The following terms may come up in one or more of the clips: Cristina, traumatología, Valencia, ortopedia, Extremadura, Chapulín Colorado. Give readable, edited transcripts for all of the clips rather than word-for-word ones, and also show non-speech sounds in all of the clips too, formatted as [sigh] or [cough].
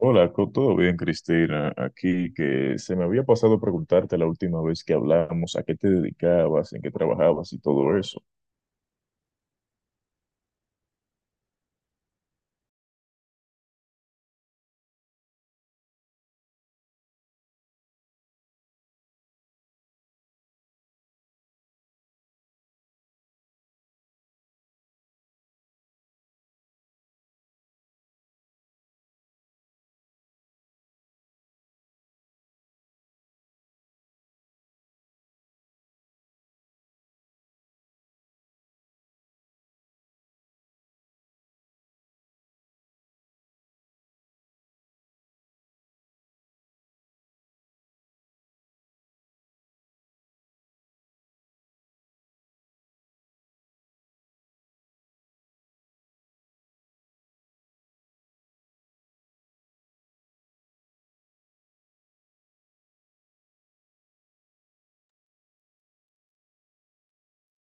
Hola, todo bien, Cristina. Aquí que se me había pasado preguntarte la última vez que hablamos, a qué te dedicabas, en qué trabajabas y todo eso.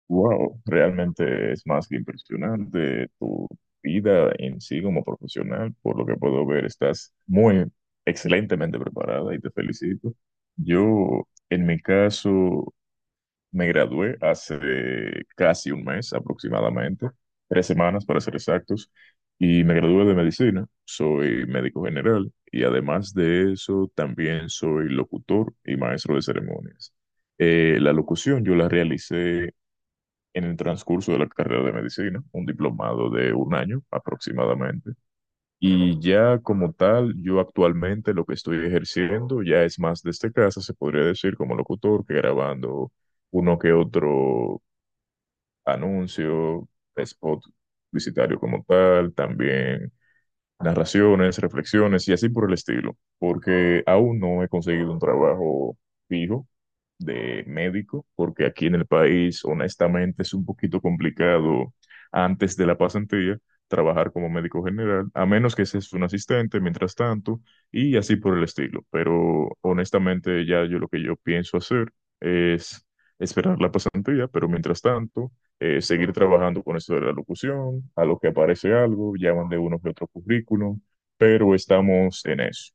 Wow, realmente es más que impresionante tu vida en sí como profesional. Por lo que puedo ver, estás muy excelentemente preparada y te felicito. Yo, en mi caso, me gradué hace casi un mes aproximadamente, 3 semanas para ser exactos, y me gradué de medicina. Soy médico general y además de eso también soy locutor y maestro de ceremonias. La locución yo la realicé en el transcurso de la carrera de medicina, un diplomado de un año aproximadamente. Y ya como tal, yo actualmente lo que estoy ejerciendo ya es más desde casa, se podría decir como locutor, que grabando uno que otro anuncio, spot publicitario como tal, también narraciones, reflexiones y así por el estilo, porque aún no he conseguido un trabajo fijo de médico, porque aquí en el país, honestamente, es un poquito complicado antes de la pasantía trabajar como médico general, a menos que seas un asistente mientras tanto y así por el estilo. Pero honestamente, ya yo lo que yo pienso hacer es esperar la pasantía, pero mientras tanto seguir trabajando con eso de la locución, a lo que aparece algo, llaman de uno que otro currículum, pero estamos en eso.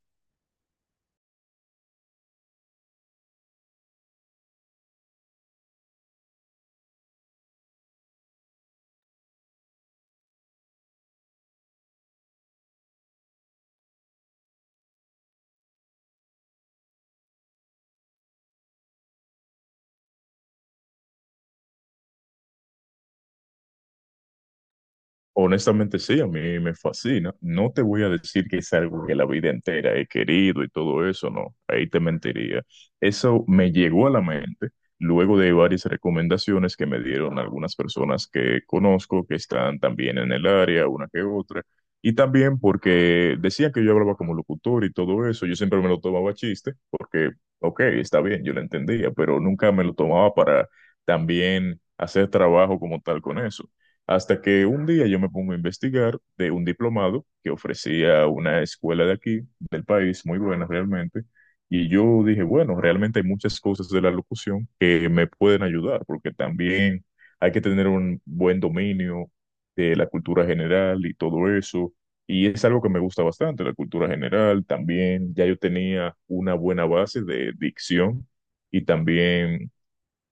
Honestamente sí, a mí me fascina. No te voy a decir que es algo que la vida entera he querido y todo eso, no, ahí te mentiría. Eso me llegó a la mente luego de varias recomendaciones que me dieron algunas personas que conozco, que están también en el área, una que otra, y también porque decían que yo hablaba como locutor y todo eso, yo siempre me lo tomaba a chiste, porque, ok, está bien, yo lo entendía, pero nunca me lo tomaba para también hacer trabajo como tal con eso. Hasta que un día yo me pongo a investigar de un diplomado que ofrecía una escuela de aquí, del país, muy buena realmente. Y yo dije, bueno, realmente hay muchas cosas de la locución que me pueden ayudar, porque también hay que tener un buen dominio de la cultura general y todo eso. Y es algo que me gusta bastante, la cultura general. También ya yo tenía una buena base de dicción y también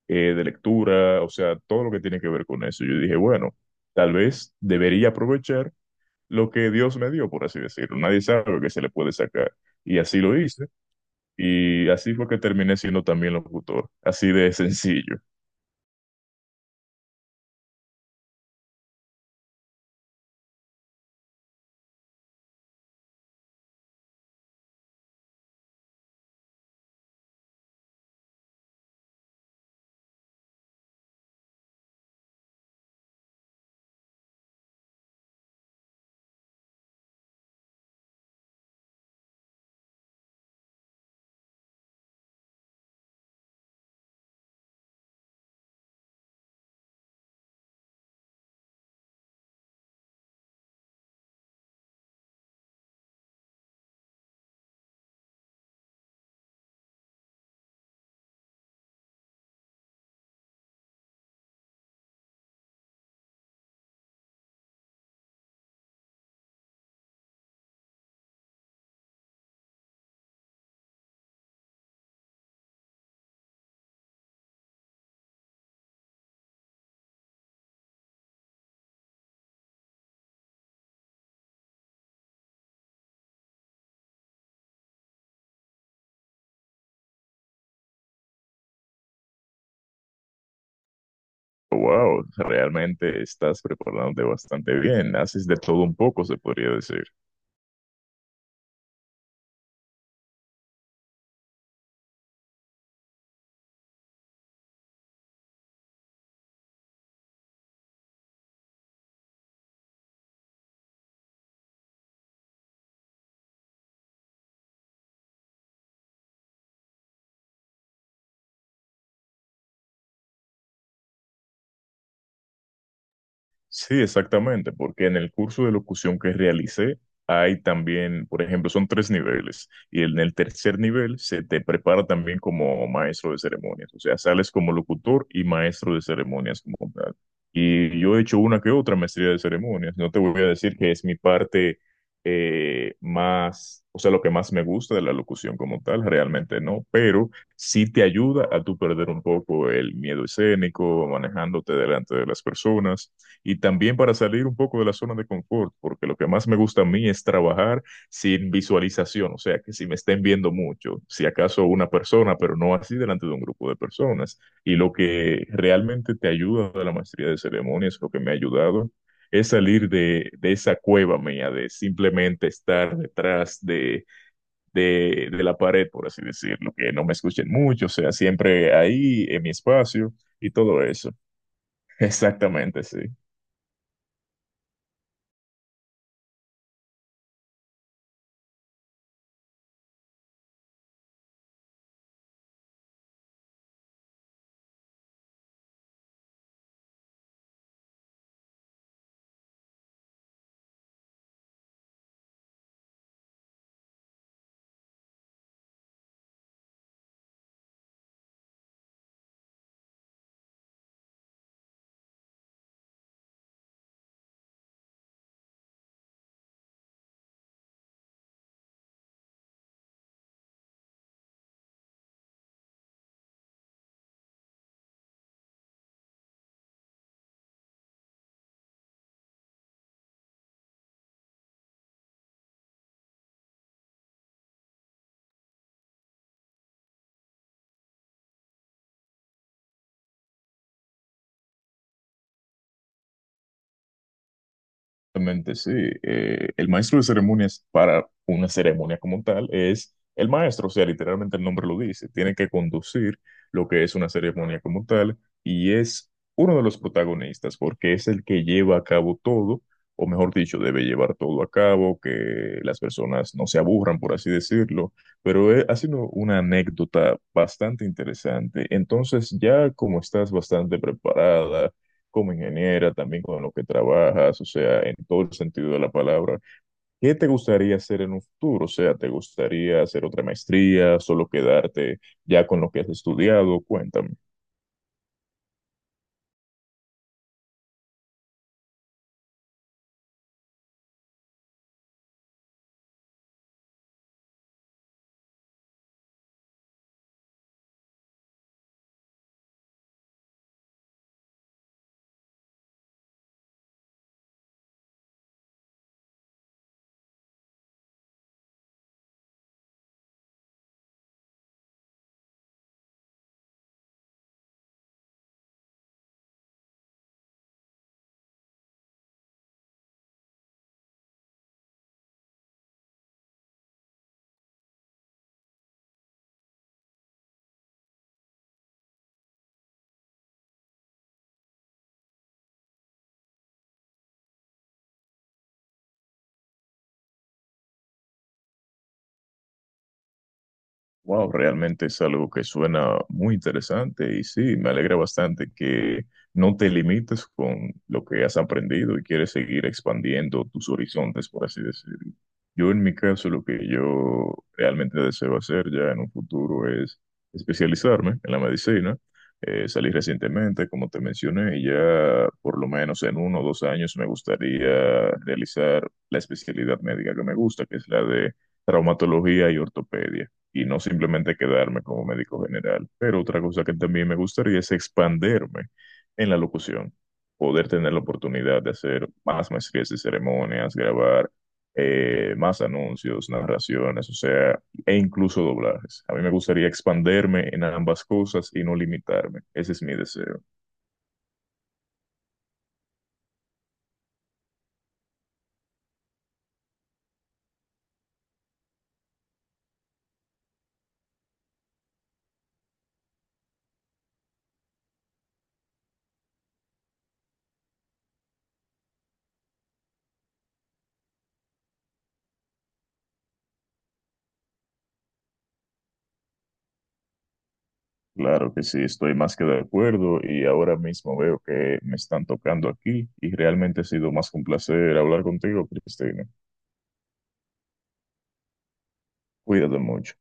de lectura, o sea, todo lo que tiene que ver con eso. Yo dije, bueno, tal vez debería aprovechar lo que Dios me dio, por así decirlo. Nadie sabe que se le puede sacar. Y así lo hice. Y así fue que terminé siendo también locutor. Así de sencillo. Wow, realmente estás preparándote bastante bien. Haces de todo un poco, se podría decir. Sí, exactamente, porque en el curso de locución que realicé hay también, por ejemplo, son tres niveles y en el tercer nivel se te prepara también como maestro de ceremonias, o sea, sales como locutor y maestro de ceremonias como tal. Y yo he hecho una que otra maestría de ceremonias, no te voy a decir que es mi parte más, o sea, lo que más me gusta de la locución como tal, realmente no, pero sí te ayuda a tú perder un poco el miedo escénico, manejándote delante de las personas y también para salir un poco de la zona de confort, porque lo que más me gusta a mí es trabajar sin visualización, o sea, que si me estén viendo mucho, si acaso una persona, pero no así delante de un grupo de personas. Y lo que realmente te ayuda de la maestría de ceremonias, lo que me ha ayudado, es salir de, esa cueva mía, de simplemente estar detrás de la pared, por así decirlo, que no me escuchen mucho, o sea, siempre ahí en mi espacio y todo eso. [laughs] Exactamente, sí. Realmente sí. El maestro de ceremonias para una ceremonia como tal es el maestro, o sea, literalmente el nombre lo dice. Tiene que conducir lo que es una ceremonia como tal y es uno de los protagonistas porque es el que lleva a cabo todo, o mejor dicho, debe llevar todo a cabo, que las personas no se aburran, por así decirlo. Pero ha sido una anécdota bastante interesante. Entonces, ya como estás bastante preparada como ingeniera, también con lo que trabajas, o sea, en todo el sentido de la palabra. ¿Qué te gustaría hacer en un futuro? O sea, ¿te gustaría hacer otra maestría, solo quedarte ya con lo que has estudiado? Cuéntame. Wow, realmente es algo que suena muy interesante y sí, me alegra bastante que no te limites con lo que has aprendido y quieres seguir expandiendo tus horizontes, por así decirlo. Yo en mi caso, lo que yo realmente deseo hacer ya en un futuro es especializarme en la medicina. Salí recientemente, como te mencioné, y ya por lo menos en 1 o 2 años me gustaría realizar la especialidad médica que me gusta, que es la de traumatología y ortopedia y no simplemente quedarme como médico general. Pero otra cosa que también me gustaría es expanderme en la locución, poder tener la oportunidad de hacer más maestrías de ceremonias, grabar más anuncios, narraciones, o sea, e incluso doblajes. A mí me gustaría expanderme en ambas cosas y no limitarme. Ese es mi deseo. Claro que sí, estoy más que de acuerdo y ahora mismo veo que me están tocando aquí y realmente ha sido más que un placer hablar contigo, Cristina. Cuídate mucho.